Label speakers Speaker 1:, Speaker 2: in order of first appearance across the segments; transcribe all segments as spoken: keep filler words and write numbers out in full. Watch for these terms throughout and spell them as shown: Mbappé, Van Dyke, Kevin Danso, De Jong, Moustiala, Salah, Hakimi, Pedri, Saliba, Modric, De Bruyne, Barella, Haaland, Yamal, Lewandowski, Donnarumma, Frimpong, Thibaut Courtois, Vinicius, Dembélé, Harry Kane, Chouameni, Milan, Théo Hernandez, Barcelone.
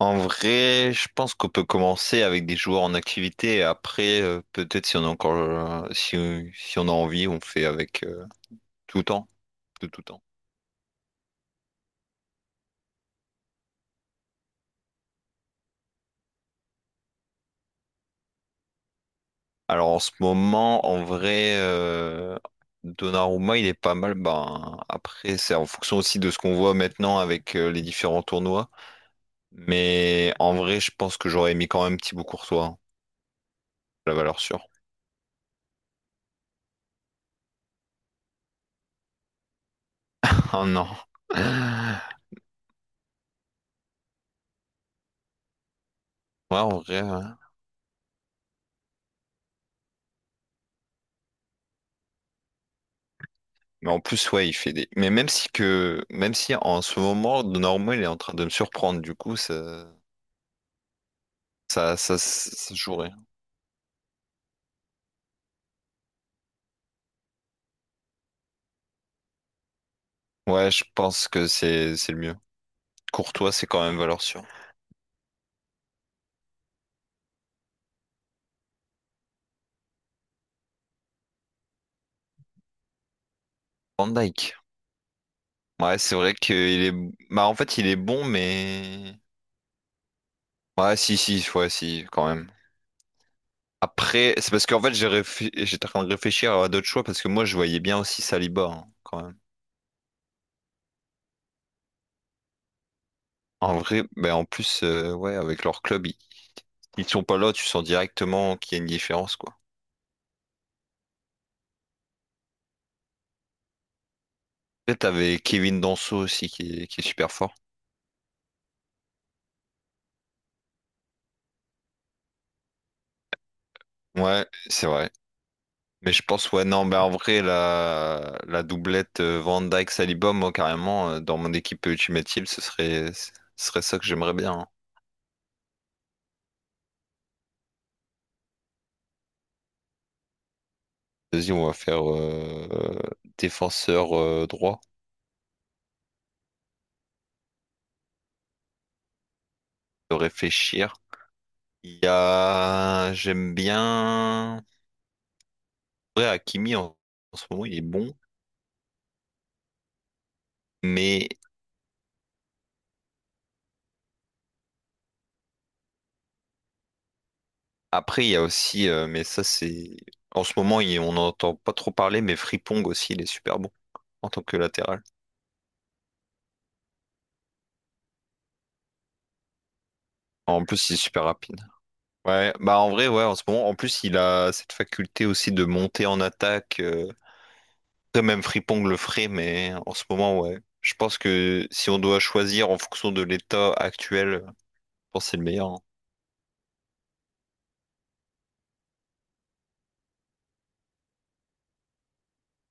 Speaker 1: En vrai, je pense qu'on peut commencer avec des joueurs en activité et après, euh, peut-être si on a encore, euh, si, si on a envie, on fait avec euh, tout temps, de tout temps. Alors en ce moment, en vrai, euh, Donnarumma, il est pas mal. Ben, après, c'est en fonction aussi de ce qu'on voit maintenant avec euh, les différents tournois. Mais en vrai, je pense que j'aurais mis quand même Thibaut Courtois, hein, la valeur sûre. Oh non. Ouais, en vrai. Mais en plus, ouais, il fait des. Mais même si que, même si en ce moment, Normand, il est en train de me surprendre, du coup, ça, ça, ça, ça, se jouerait. Ouais, je pense que c'est, c'est le mieux. Courtois, c'est quand même valeur sûre. Van Dyke. Ouais, c'est vrai qu'il est, bah, en fait, il est bon, mais, ouais, si, si, ouais, si, quand même. Après, c'est parce qu'en fait, j'ai réfl- j'étais en train de réfléchir à d'autres choix parce que moi, je voyais bien aussi Saliba, hein, quand même. En vrai, ben en plus, euh, ouais, avec leur club, ils, ils sont pas là, tu sens directement qu'il y a une différence, quoi. Peut-être t'avais Kevin Danso aussi qui est, qui est super fort. Ouais, c'est vrai. Mais je pense, ouais, non, mais en vrai, la, la doublette euh, Van Dijk-Saliba, moi, carrément, euh, dans mon équipe Ultimate Team, ce serait, ce serait ça que j'aimerais bien, hein. Vas-y, on va faire euh, défenseur euh, droit, de réfléchir. Il y a... J'aime bien... Ouais, Hakimi, en, en ce moment, il est bon. Mais après, il y a aussi... euh, mais ça, c'est... En ce moment, il- on n'entend pas trop parler, mais Frimpong aussi, il est super bon en tant que latéral. En plus, il est super rapide. Ouais, bah en vrai, ouais, en ce moment, en plus, il a cette faculté aussi de monter en attaque. euh, Après, même Frimpong le ferait, mais en ce moment, ouais. Je pense que si on doit choisir en fonction de l'état actuel, je pense que c'est le meilleur, hein.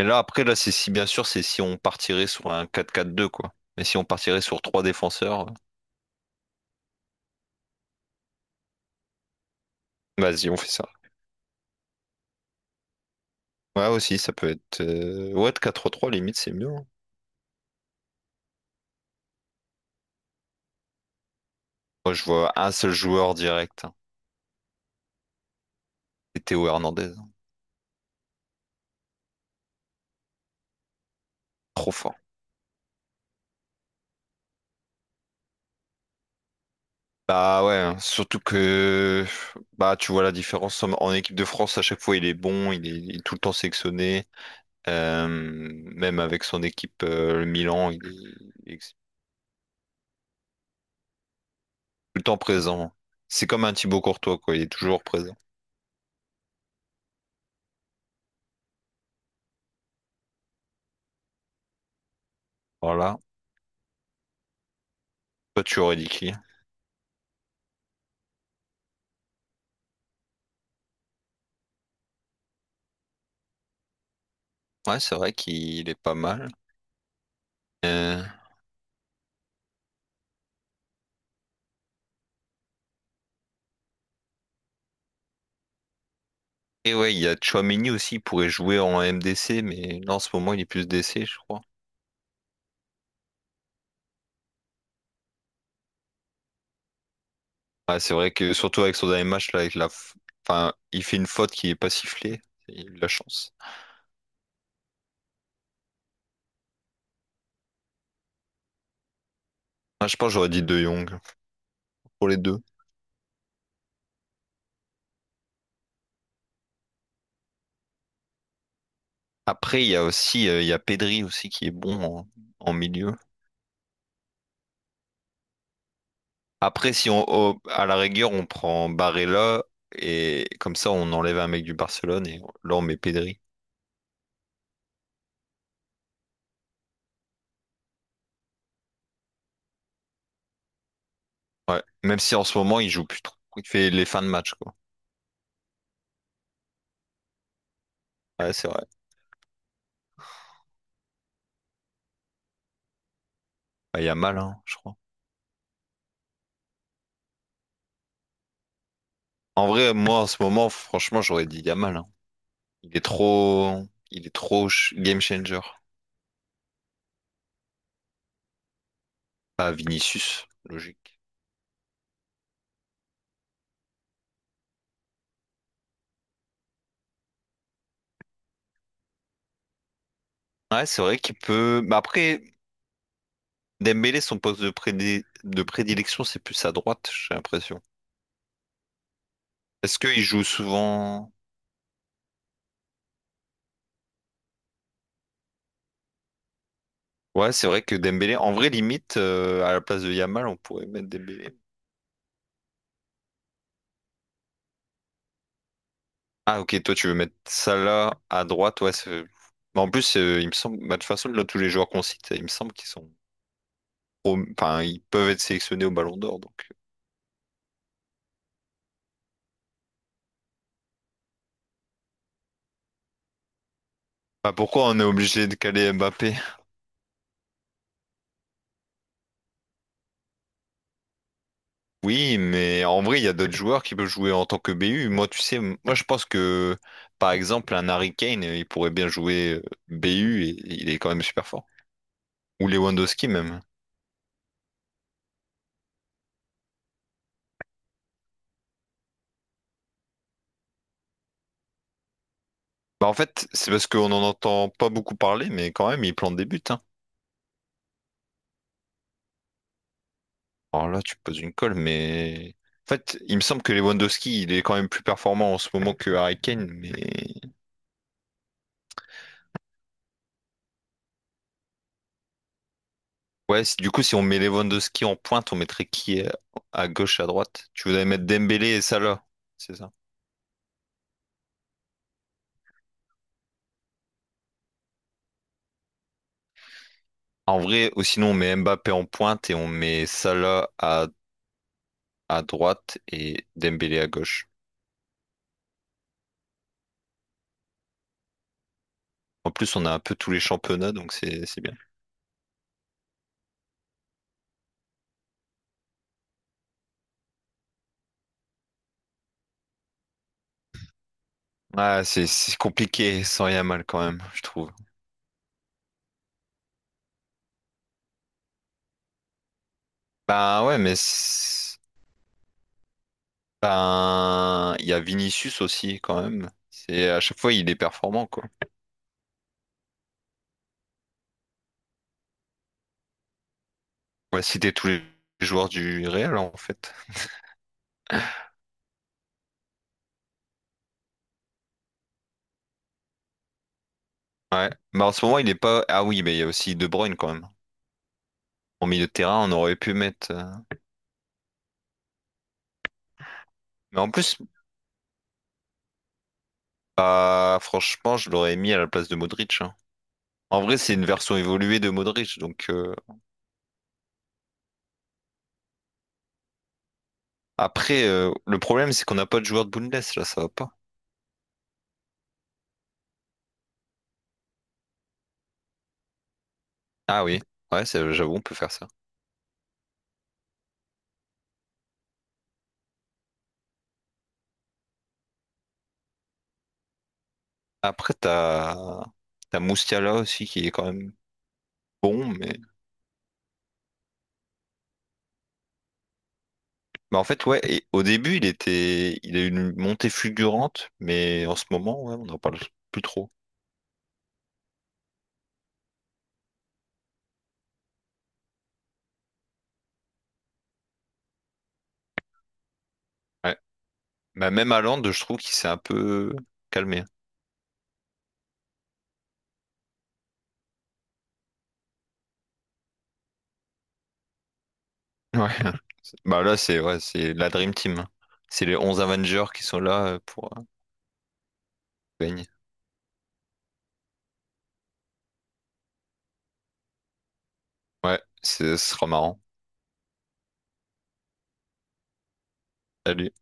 Speaker 1: Et là, après, là, c'est si, bien sûr, c'est si on partirait sur un quatre quatre-deux, quoi. Mais si on partirait sur trois défenseurs, euh, vas-y, on fait ça. Ouais, aussi, ça peut être. euh, Ouais, quatre trois-trois, limite, c'est mieux, hein. Moi, je vois un seul joueur direct, hein. C'est Théo Hernandez, hein. Trop fort. Bah ouais, hein. Surtout que bah tu vois la différence en, en équipe de France à chaque fois il est bon, il est, il est tout le temps sélectionné. Euh, Même avec son équipe euh, le Milan il est, il est tout le temps présent. C'est comme un Thibaut Courtois quoi, il est toujours présent. Voilà. Toi tu aurais dit qui? Ouais c'est vrai qu'il est pas mal. Euh. Et ouais il y a Chouameni aussi, il pourrait jouer en M D C mais là en ce moment il est plus D C je crois. Ouais, c'est vrai que surtout avec son dernier match, là, avec la... f- enfin, il fait une faute qui est pas sifflée. Il a eu de la chance. Ah, je pense que j'aurais dit De Jong pour les deux. Après, il y a aussi euh, il y a Pedri aussi qui est bon en, en milieu. Après, si on au- à la rigueur, on prend Barella et comme ça, on enlève un mec du Barcelone et là, on met Pedri. Ouais. Même si en ce moment, il joue plus trop. Il fait les fins de match, quoi. Ouais, c'est vrai. Bah, Yamal, hein, je crois. En vrai, moi, en ce moment, franchement, j'aurais dit Yamal, hein. Il est trop, il est trop ch- game changer. Pas Vinicius, logique. Ouais, c'est vrai qu'il peut. Mais après, Dembélé, son poste de prédé- de prédilection, c'est plus à droite, j'ai l'impression. Est-ce qu'il joue souvent? Ouais, c'est vrai que Dembélé, en vrai, limite, euh, à la place de Yamal, on pourrait mettre Dembélé. Ah, ok, toi, tu veux mettre Salah à droite, ouais. c'est- Mais en plus, euh, il me semble, bah, de toute façon, là, tous les joueurs qu'on cite, il me semble qu'ils sont, pro- enfin, ils peuvent être sélectionnés au Ballon d'Or, donc. Euh. Bah, pourquoi on est obligé de caler Mbappé? Oui, mais en vrai, il y a d'autres joueurs qui peuvent jouer en tant que B U. Moi, tu sais, m- moi je pense que, par exemple, un Harry Kane, euh, il pourrait bien jouer euh, B U et il est quand même super fort. Ou Lewandowski même. Bah, en fait, c'est parce qu'on n'en entend pas beaucoup parler, mais quand même, il plante des buts, hein. Alors là, tu poses une colle, mais... En fait, il me semble que Lewandowski, il est quand même plus performant en ce moment que Harry Kane, mais... Ouais, c- du coup, si on met Lewandowski en pointe, on mettrait qui euh, à gauche, à droite? Tu voudrais mettre Dembélé et Salah, c'est ça? En vrai, ou sinon on met Mbappé en pointe et on met Salah à, à droite et Dembélé à gauche. En plus, on a un peu tous les championnats, donc c'est c'est bien. Ah, c'est c'est compliqué sans rien mal quand même, je trouve. Ben ouais, mais c'est- ben il y a Vinicius aussi quand même. C'est à chaque fois il est performant quoi. On va citer tous les joueurs du Real en fait. Ouais. Mais en ce moment il est pas. Ah oui, mais il y a aussi De Bruyne quand même. En milieu de terrain, on aurait pu mettre. Euh. Mais en plus. Ah, franchement, je l'aurais mis à la place de Modric, hein. En vrai, c'est une version évoluée de Modric. Donc euh, après, euh, le problème, c'est qu'on n'a pas de joueur de Bundes là, ça va pas. Ah oui, ouais, c'est- j'avoue, on peut faire ça. Après, t'as t'as Moustiala aussi qui est quand même bon, mais mais en fait, ouais, et au début, il était, il a eu une montée fulgurante, mais en ce moment, ouais, on n'en parle plus trop. Ouais. Bah, même Haaland, je trouve qu'il s'est un peu calmé. Ouais. Bah là, c'est ouais, c'est la Dream Team. C'est les onze Avengers qui sont là euh, pour euh, gagner. Ouais, c'est- ce sera marrant. Salut.